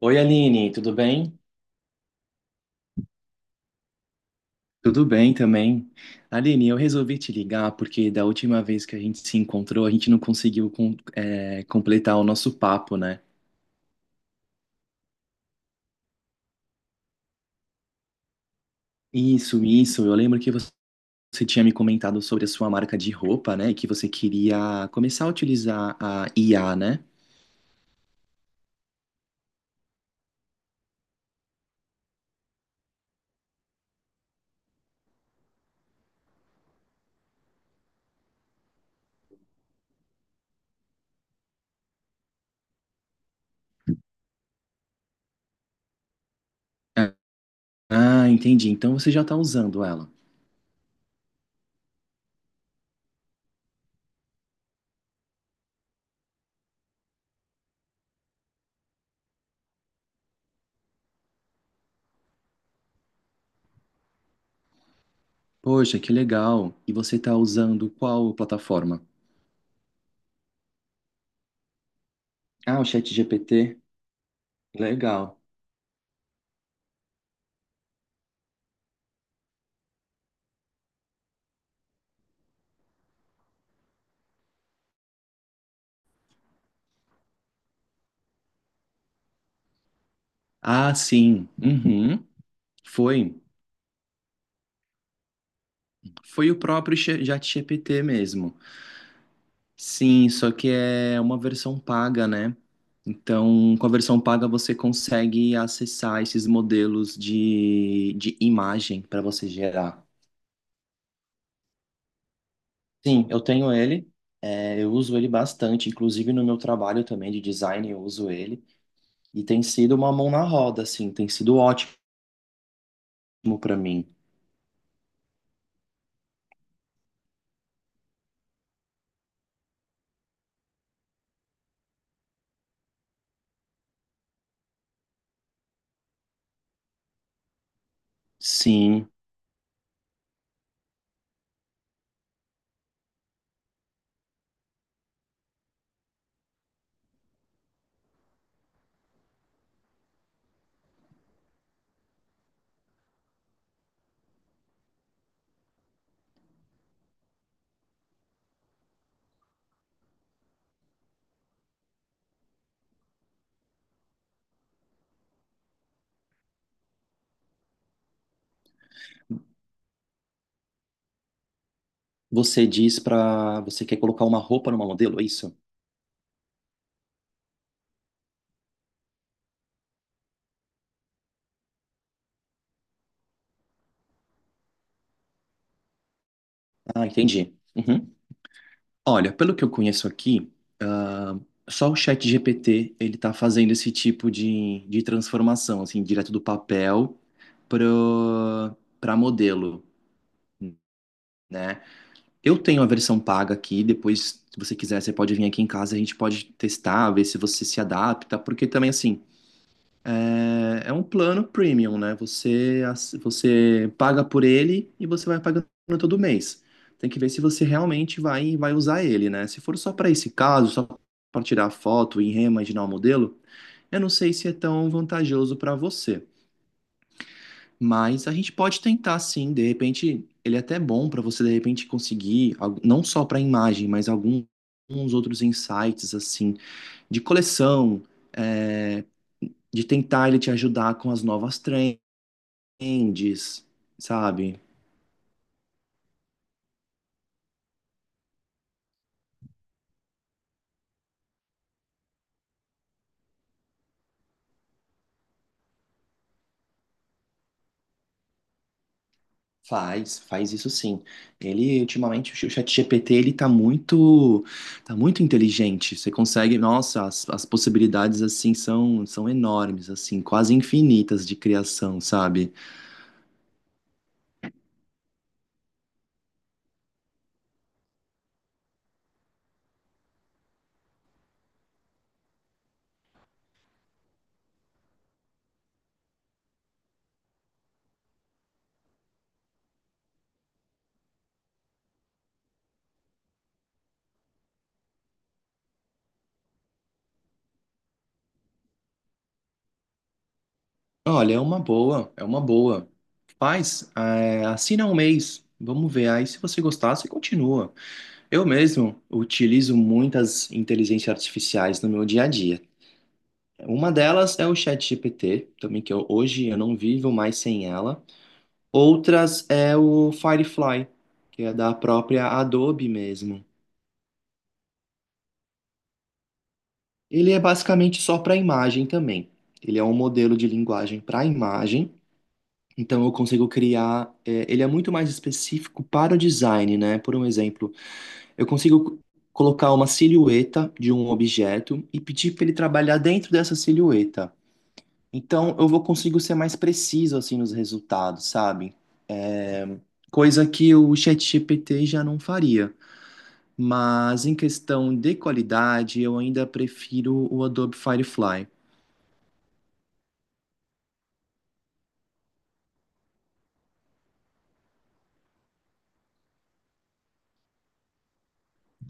Oi, Aline, tudo bem? Tudo bem também. Aline, eu resolvi te ligar porque da última vez que a gente se encontrou, a gente não conseguiu completar o nosso papo, né? Isso, isso. Eu lembro que você tinha me comentado sobre a sua marca de roupa, né? E que você queria começar a utilizar a IA, né? Ah, entendi. Então você já está usando ela. Poxa, que legal. E você está usando qual plataforma? Ah, o ChatGPT. Legal. Ah, sim. Uhum. Foi. Foi o próprio ChatGPT mesmo. Sim, só que é uma versão paga, né? Então, com a versão paga, você consegue acessar esses modelos de imagem para você gerar. Sim, eu tenho ele, eu uso ele bastante, inclusive no meu trabalho também de design, eu uso ele. E tem sido uma mão na roda, assim, tem sido ótimo para mim. Sim, você diz para. Você quer colocar uma roupa numa modelo, é isso? Ah, entendi. Uhum. Olha, pelo que eu conheço aqui, ah, só o ChatGPT ele tá fazendo esse tipo de transformação, assim, direto do papel pro, para modelo, né? Eu tenho a versão paga aqui, depois, se você quiser, você pode vir aqui em casa, a gente pode testar, ver se você se adapta, porque também, assim, é um plano premium, né? Você, você paga por ele e você vai pagando todo mês. Tem que ver se você realmente vai usar ele, né? Se for só para esse caso, só para tirar foto e reimaginar o modelo, eu não sei se é tão vantajoso para você. Mas a gente pode tentar sim, de repente, ele é até bom para você de repente conseguir, não só para imagem, mas alguns outros insights assim, de coleção é, de tentar ele te ajudar com as novas trends, sabe? Faz, faz isso sim. Ele, ultimamente, o ChatGPT ele tá muito inteligente. Você consegue, nossa, as possibilidades, assim, são enormes, assim, quase infinitas de criação, sabe? Olha, é uma boa, é uma boa. Faz, é, assina um mês, vamos ver. Aí, se você gostar, você continua. Eu mesmo utilizo muitas inteligências artificiais no meu dia a dia. Uma delas é o ChatGPT, também que hoje eu não vivo mais sem ela. Outras é o Firefly, que é da própria Adobe mesmo. Ele é basicamente só para imagem também. Ele é um modelo de linguagem para imagem. Então eu consigo criar. É, ele é muito mais específico para o design, né? Por um exemplo, eu consigo colocar uma silhueta de um objeto e pedir para ele trabalhar dentro dessa silhueta. Então eu vou consigo ser mais preciso assim nos resultados, sabe? Coisa que o ChatGPT já não faria. Mas em questão de qualidade, eu ainda prefiro o Adobe Firefly.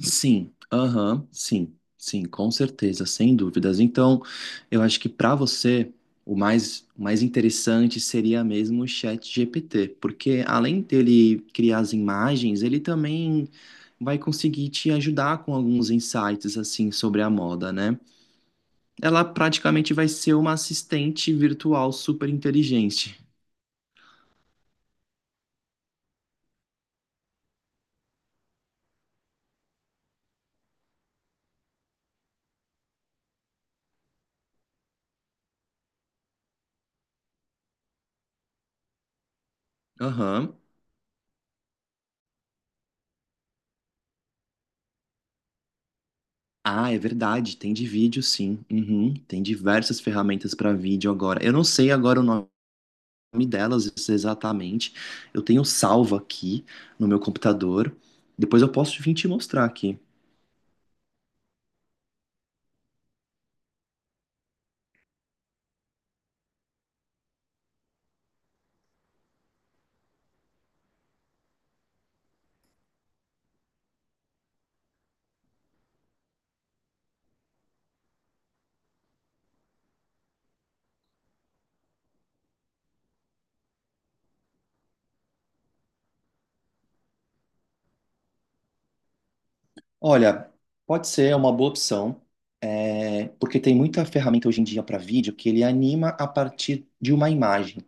Sim, aham, sim, sim, com certeza, sem dúvidas. Então, eu acho que para você o mais interessante seria mesmo o ChatGPT, porque além dele criar as imagens, ele também vai conseguir te ajudar com alguns insights assim sobre a moda, né? Ela praticamente vai ser uma assistente virtual super inteligente. Aham. Ah, é verdade, tem de vídeo, sim. Uhum. Tem diversas ferramentas para vídeo agora. Eu não sei agora o nome delas exatamente. Eu tenho salvo aqui no meu computador. Depois eu posso vir te mostrar aqui. Olha, pode ser é uma boa opção, é, porque tem muita ferramenta hoje em dia para vídeo que ele anima a partir de uma imagem.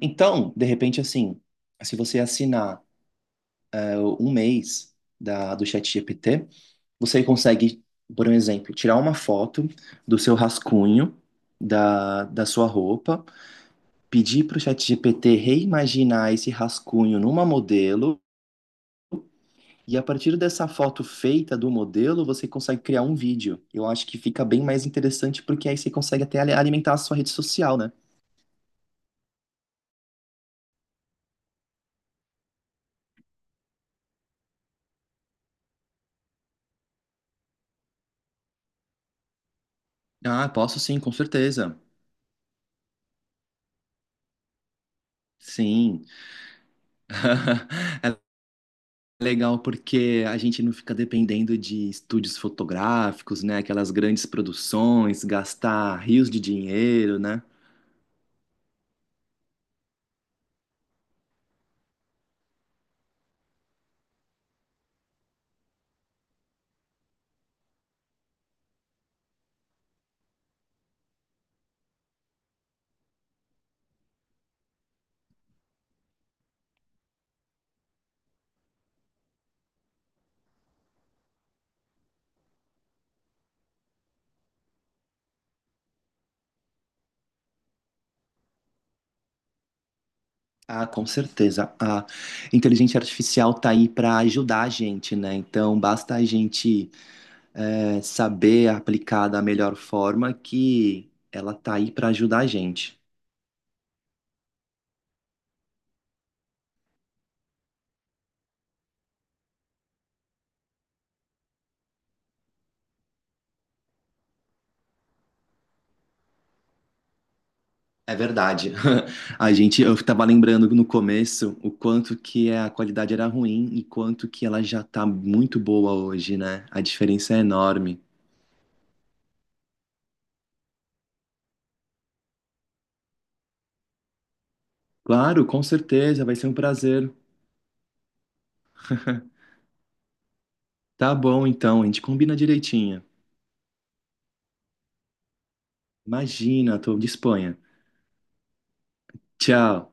Então, de repente, assim, se você assinar um mês do ChatGPT, você consegue, por um exemplo, tirar uma foto do seu rascunho, da sua roupa, pedir para o ChatGPT reimaginar esse rascunho numa modelo, e a partir dessa foto feita do modelo, você consegue criar um vídeo. Eu acho que fica bem mais interessante, porque aí você consegue até alimentar a sua rede social, né? Ah, posso sim, com certeza. Sim. Legal porque a gente não fica dependendo de estúdios fotográficos, né? Aquelas grandes produções, gastar rios de dinheiro, né? Ah, com certeza. A inteligência artificial tá aí para ajudar a gente, né? Então basta a gente saber aplicar da melhor forma que ela tá aí para ajudar a gente. É verdade. A gente, eu estava lembrando no começo o quanto que a qualidade era ruim e quanto que ela já tá muito boa hoje, né? A diferença é enorme. Claro, com certeza, vai ser um prazer. Tá bom, então, a gente combina direitinho. Imagina, tô de Espanha. Tchau.